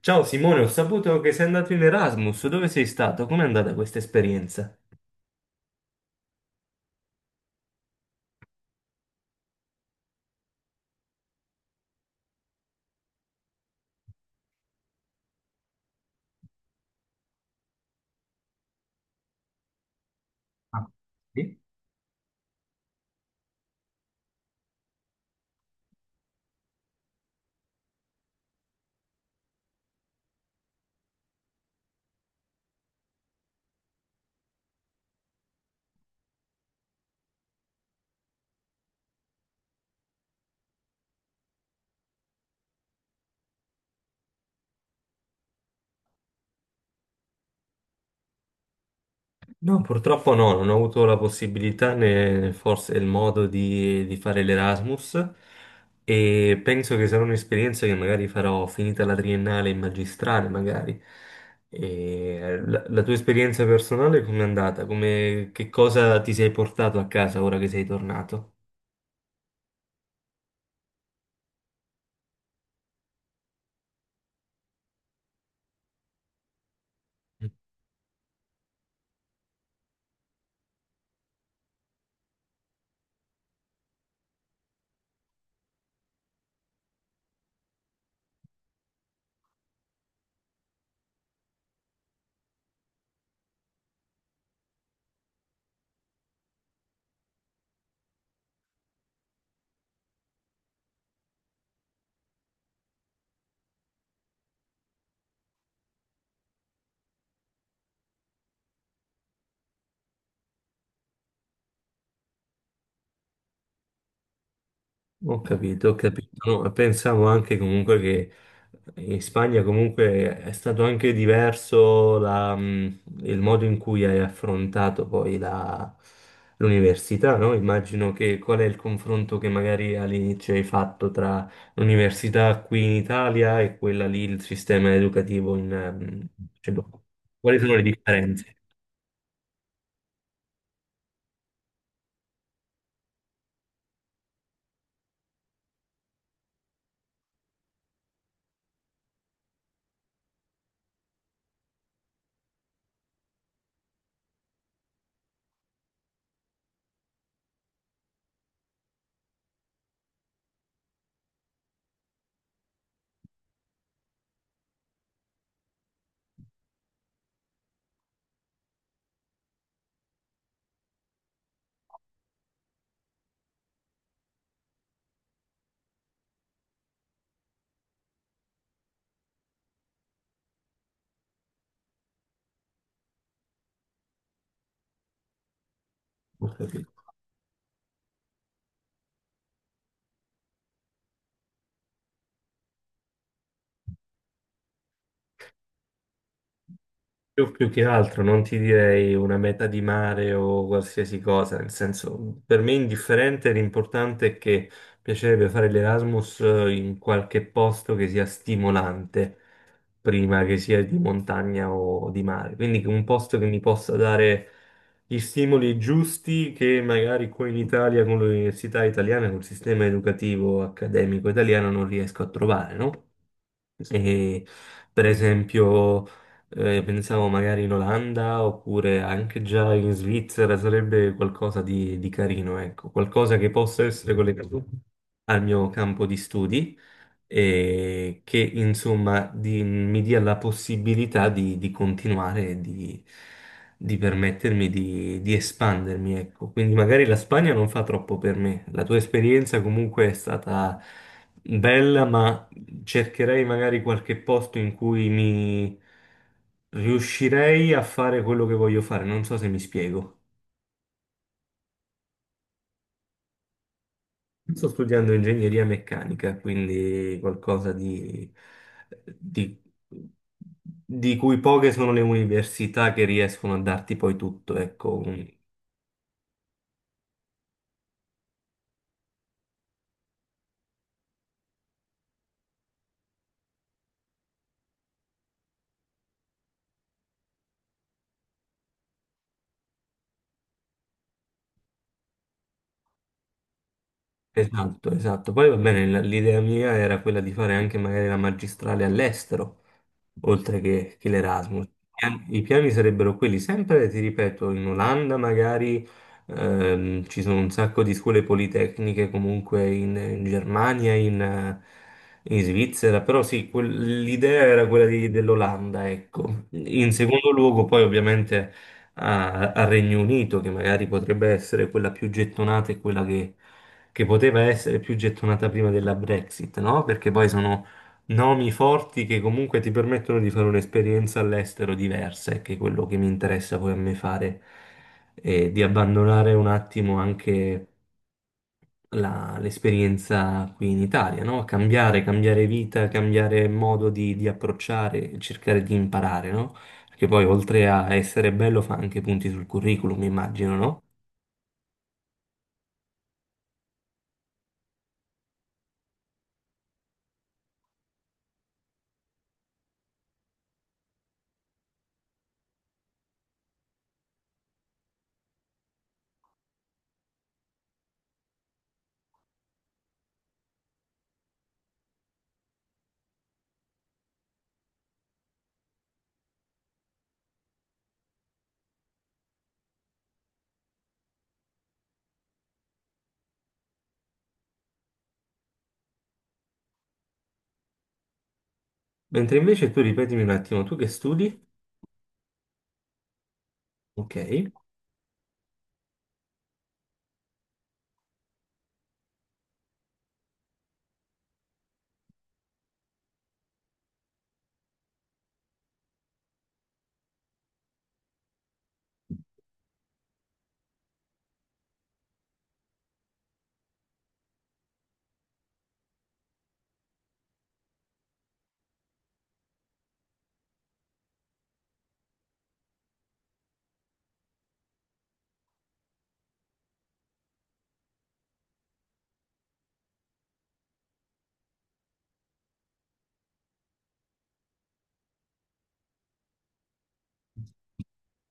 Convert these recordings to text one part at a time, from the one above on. Ciao Simone, ho saputo che sei andato in Erasmus. Dove sei stato? Com'è andata questa esperienza? Ah, sì? No, purtroppo no, non ho avuto la possibilità né forse il modo di fare l'Erasmus e penso che sarà un'esperienza che magari farò finita la triennale in magistrale, magari. E la tua esperienza personale com'è andata? Come, che cosa ti sei portato a casa ora che sei tornato? Ho capito, ho capito. No, pensavo anche comunque che in Spagna comunque è stato anche diverso la, il modo in cui hai affrontato l'università, no? Immagino, che qual è il confronto che magari all'inizio hai fatto tra l'università qui in Italia e quella lì, il sistema educativo cioè, boh, quali sono le differenze? Io più che altro non ti direi una meta di mare o qualsiasi cosa, nel senso, per me è indifferente, l'importante è che piacerebbe fare l'Erasmus in qualche posto che sia stimolante, prima che sia di montagna o di mare. Quindi che un posto che mi possa dare gli stimoli giusti che magari qui in Italia, con l'università italiana, col sistema educativo accademico italiano non riesco a trovare, no? E, per esempio, pensavo magari in Olanda oppure anche già in Svizzera sarebbe qualcosa di carino, ecco, qualcosa che possa essere collegato al mio campo di studi che insomma mi dia la possibilità di continuare, e di permettermi di espandermi, ecco. Quindi magari la Spagna non fa troppo per me. La tua esperienza comunque è stata bella, ma cercherei magari qualche posto in cui mi riuscirei a fare quello che voglio fare. Non so se mi spiego. Sto studiando ingegneria meccanica, quindi qualcosa di, di- di cui poche sono le università che riescono a darti poi tutto, ecco, un- Esatto, esatto. Poi va bene, l'idea mia era quella di fare anche magari la magistrale all'estero, oltre che l'Erasmus. I piani sarebbero quelli, sempre, ti ripeto, in Olanda magari ci sono un sacco di scuole politecniche, comunque in Germania, in, in Svizzera, però sì, l'idea era quella dell'Olanda, ecco. In secondo luogo poi ovviamente al Regno Unito, che magari potrebbe essere quella più gettonata e quella che poteva essere più gettonata prima della Brexit, no? Perché poi sono nomi forti che comunque ti permettono di fare un'esperienza all'estero diversa, e che è quello che mi interessa poi a me fare, e di abbandonare un attimo anche l'esperienza qui in Italia, no? Cambiare, cambiare vita, cambiare modo di approcciare, cercare di imparare, no? Perché poi oltre a essere bello fa anche punti sul curriculum, immagino, no? Mentre invece tu ripetimi un attimo, tu che studi? Ok.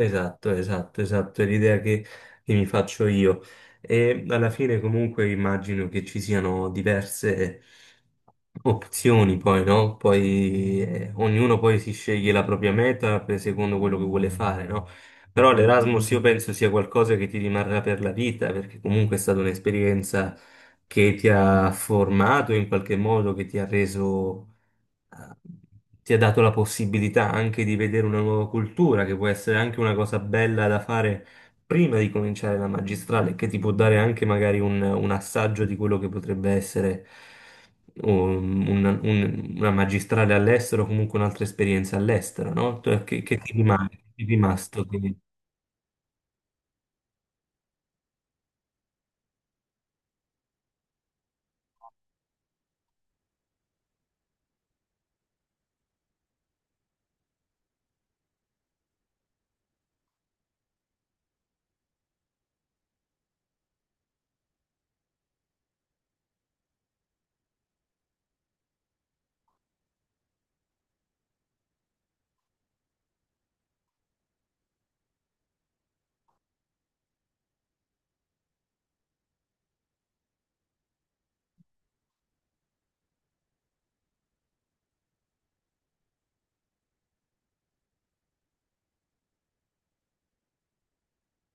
Esatto, esatto, esatto, è l'idea che mi faccio io. E alla fine comunque immagino che ci siano diverse opzioni poi, no? Poi ognuno poi si sceglie la propria meta secondo quello che vuole fare, no? Però l'Erasmus io penso sia qualcosa che ti rimarrà per la vita, perché comunque è stata un'esperienza che ti ha formato in qualche modo, che ti ha reso ti ha dato la possibilità anche di vedere una nuova cultura, che può essere anche una cosa bella da fare prima di cominciare la magistrale, che ti può dare anche magari un assaggio di quello che potrebbe essere un- una magistrale all'estero, o comunque un'altra esperienza all'estero, no? Che ti rimane? Ti è rimasto?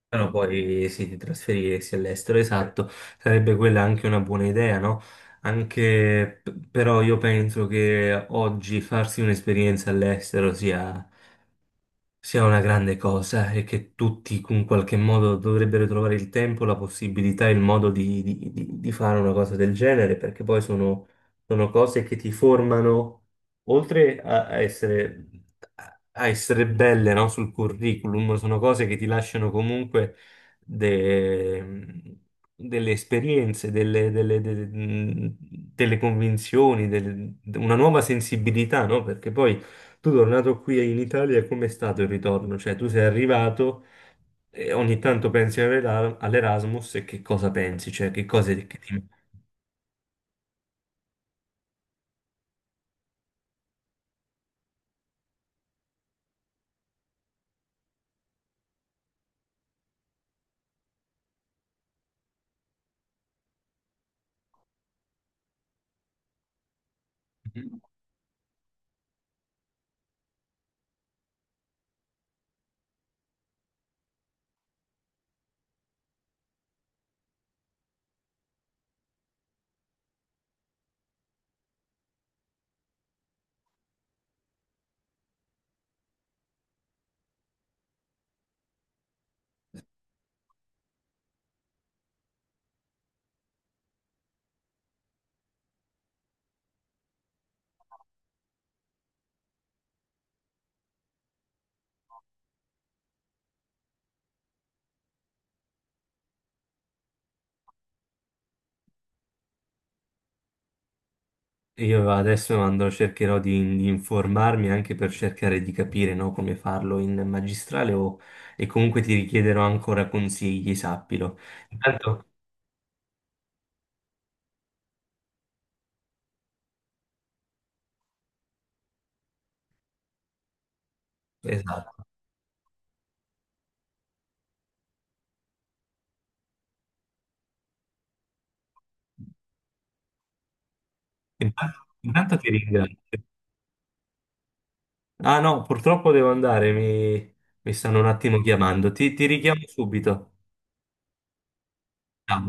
Però poi sì, di trasferirsi all'estero, esatto, sarebbe quella anche una buona idea, no? Anche però io penso che oggi farsi un'esperienza all'estero sia una grande cosa e che tutti in qualche modo dovrebbero trovare il tempo, la possibilità, il modo di, di fare una cosa del genere, perché sono cose che ti formano oltre a essere, a essere belle, no, sul curriculum, sono cose che ti lasciano comunque de- delle esperienze, delle convinzioni, una nuova sensibilità, no? Perché poi tu tornato qui in Italia, com'è stato il ritorno? Cioè, tu sei arrivato. E ogni tanto pensi all'Erasmus e che cosa pensi? Cioè, che cose che ti... Io adesso andrò, cercherò di informarmi anche per cercare di capire, no, come farlo in magistrale o, e comunque ti richiederò ancora consigli, sappilo. Intanto, esatto. Intanto, intanto ti ringrazio. Ah no, purtroppo devo andare, mi stanno un attimo chiamando. Ti richiamo subito. Ciao.